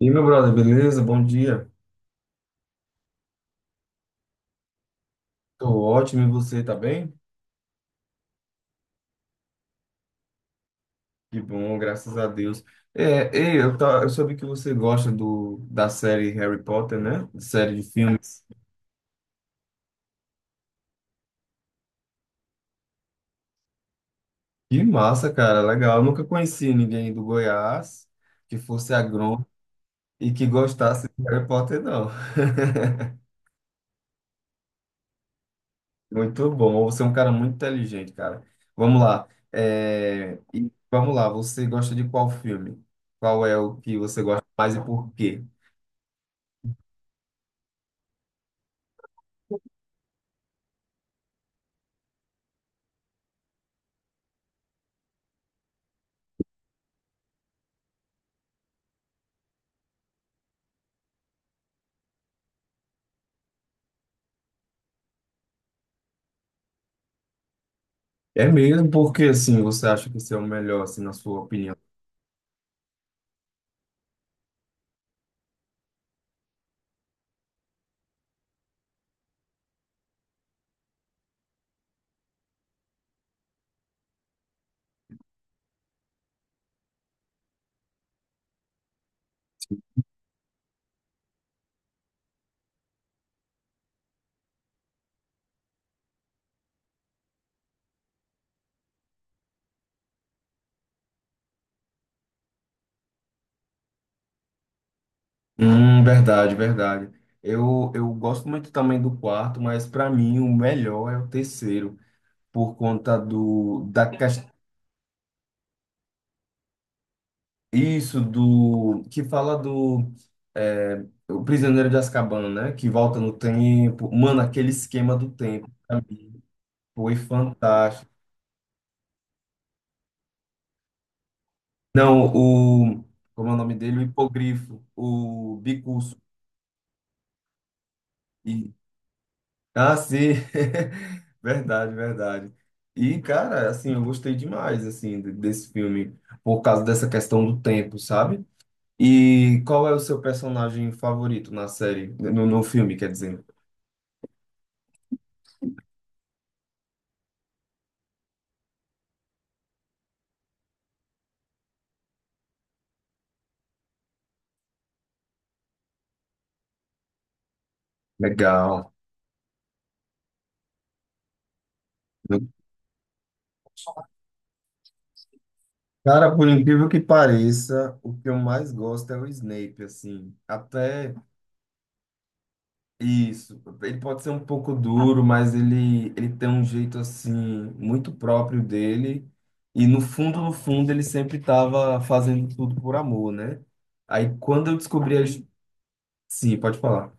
E meu brother, beleza? Bom dia. Tô ótimo, e você tá bem? Que bom, graças a Deus. Eu soube que você gosta da série Harry Potter, né? Série de filmes. Que massa, cara, legal. Eu nunca conheci ninguém do Goiás que fosse agrônomo e que gostasse de Harry Potter, não. Muito bom, você é um cara muito inteligente, cara. Vamos lá. E vamos lá, você gosta de qual filme? Qual é o que você gosta mais e por quê? É mesmo? Porque assim, você acha que esse é o melhor, assim, na sua opinião. Verdade, verdade. Eu gosto muito também do quarto, mas para mim o melhor é o terceiro, por conta isso do que fala do o prisioneiro de Azkaban, né? Que volta no tempo. Mano, aquele esquema do tempo pra mim foi fantástico. Não, o como é o nome dele? O hipogrifo, o Bicurso. Ah, sim. Verdade, verdade. E, cara, assim, eu gostei demais, assim, desse filme, por causa dessa questão do tempo, sabe? E qual é o seu personagem favorito na série, no filme, quer dizer? Legal. Cara, por incrível que pareça, o que eu mais gosto é o Snape, assim. Até... Isso, ele pode ser um pouco duro, mas ele tem um jeito assim muito próprio dele. E no fundo, no fundo, ele sempre estava fazendo tudo por amor, né? Aí quando eu descobri Sim, pode falar.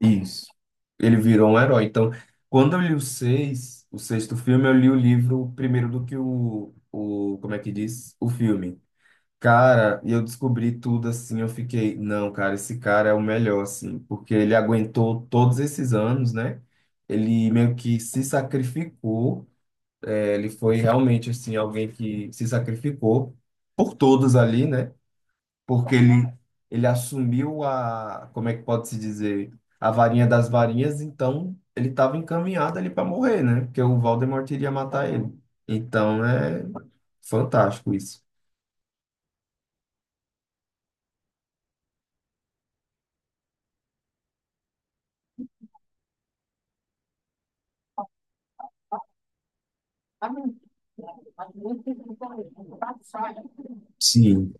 Isso. Ele virou um herói. Então, quando eu li o seis, o sexto filme, eu li o livro primeiro do que o como é que diz? O filme. Cara, e eu descobri tudo assim, eu fiquei, não, cara, esse cara é o melhor, assim, porque ele aguentou todos esses anos, né? Ele meio que se sacrificou, é, ele foi realmente, assim, alguém que se sacrificou por todos ali, né? Porque ele assumiu a, como é que pode se dizer, a varinha das varinhas, então ele estava encaminhado ali para morrer, né? Porque o Voldemort iria matar ele. Então, é fantástico isso. Sim.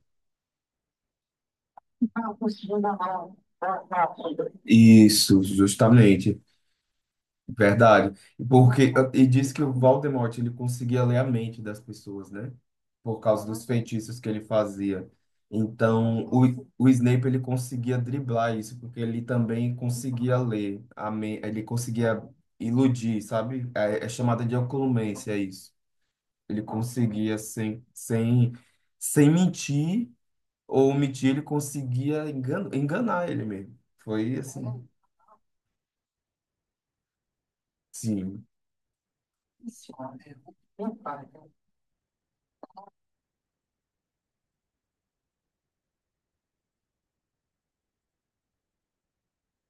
Isso, justamente, verdade. Porque ah, e diz que o Voldemort, ele conseguia ler a mente das pessoas, né? Por causa dos feitiços que ele fazia. Então, o Snape ele conseguia driblar isso, porque ele também conseguia ele conseguia iludir, sabe? É, é chamada de ocultância isso. Ele conseguia sem mentir ou omitir, ele conseguia enganar ele mesmo. Foi assim. Sim.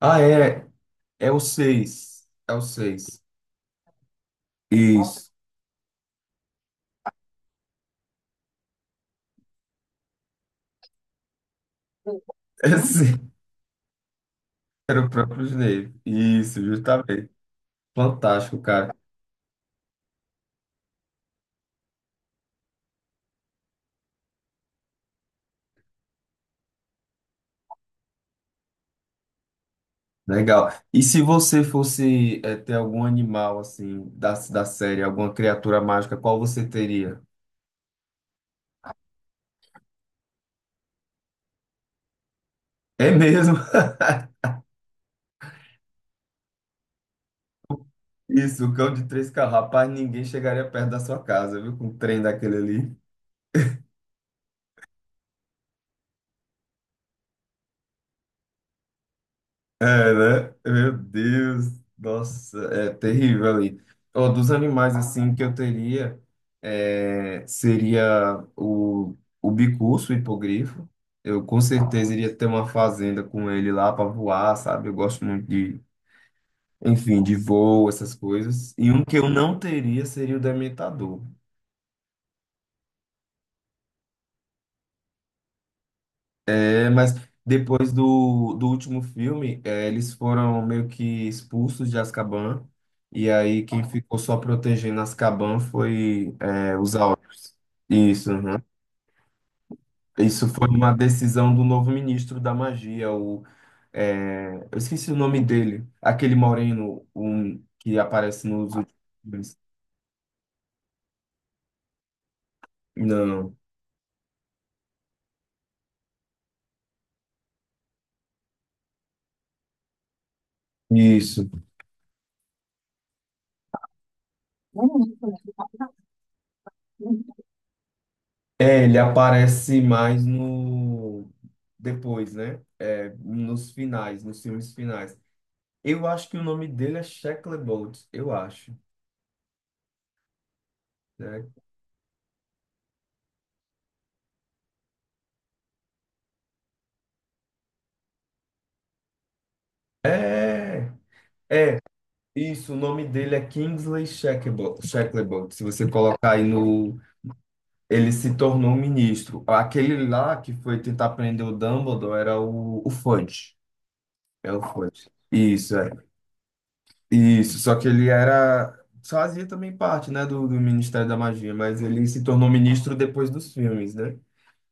Ah, é. É o seis. Isso. É sim. Era o próprio Snape. Isso, justamente. Fantástico, cara. Legal. E se você fosse ter algum animal, assim, da série, alguma criatura mágica, qual você teria? É mesmo? Isso, o cão de três carros. Rapaz, ninguém chegaria perto da sua casa, viu? Com o trem daquele ali. É, né? Meu Deus, nossa, é terrível ali. Ó, dos animais assim que eu teria seria o bicurso, o hipogrifo. Eu com certeza iria ter uma fazenda com ele lá para voar, sabe? Eu gosto muito de, enfim, de voo, essas coisas. E um que eu não teria seria o dementador. É, mas depois do último filme, é, eles foram meio que expulsos de Azkaban. E aí quem ficou só protegendo Azkaban foi é, os Aurus. Isso, uhum. Isso foi uma decisão do novo ministro da magia, o, é, eu esqueci o nome dele, aquele moreno um, que aparece nos últimos filmes. Não, isso. É, ele aparece mais no depois, né? É, nos finais, nos filmes finais. Eu acho que o nome dele é Shackley Bolt, eu acho, né? É, isso, o nome dele é Kingsley Shacklebolt, Shacklebolt. Se você colocar aí no... Ele se tornou um ministro. Aquele lá que foi tentar prender o Dumbledore era o Fudge. É o Fudge. Isso, é. Isso, só que ele era... Fazia também parte, né, do Ministério da Magia, mas ele se tornou ministro depois dos filmes, né?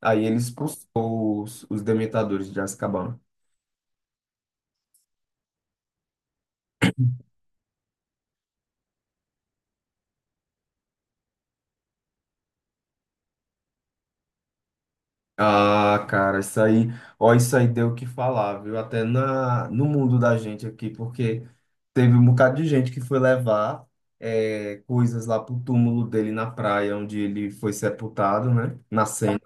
Aí ele expulsou os dementadores de Azkaban. Ah, cara, isso aí, ó, isso aí deu o que falar, viu? Até na, no mundo da gente aqui, porque teve um bocado de gente que foi levar é, coisas lá pro túmulo dele na praia, onde ele foi sepultado, né? Na Sena.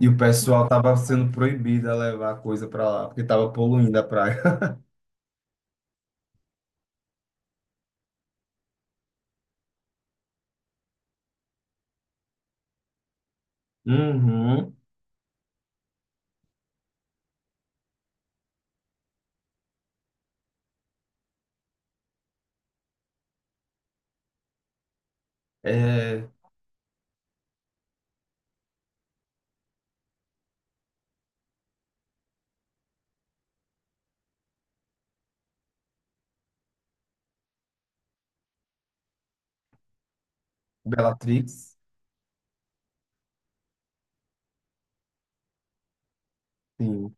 E o pessoal tava sendo proibido a levar coisa pra lá, porque tava poluindo a praia. Uhum. É, Bellatrix, sim.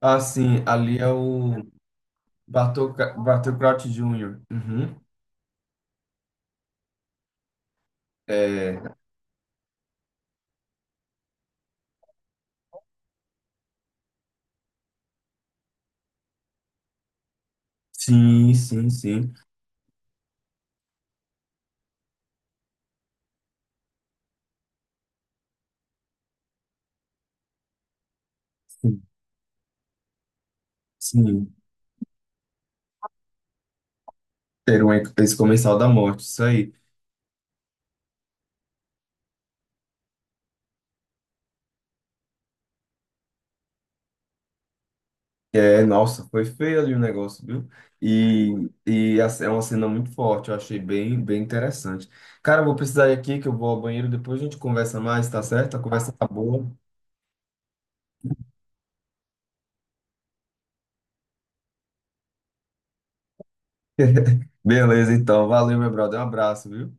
Ah, sim, ali é o Bartol, Bartol Crouch Jr. Uhum. É, sim, sim, sim. Sim, ter um, esse comensal da morte, isso aí. É, nossa, foi feio ali o negócio, viu? E, é uma cena muito forte, eu achei bem, bem interessante. Cara, eu vou precisar ir aqui, que eu vou ao banheiro, depois a gente conversa mais, tá certo? A conversa tá boa. Beleza, então, valeu, meu brother, um abraço, viu?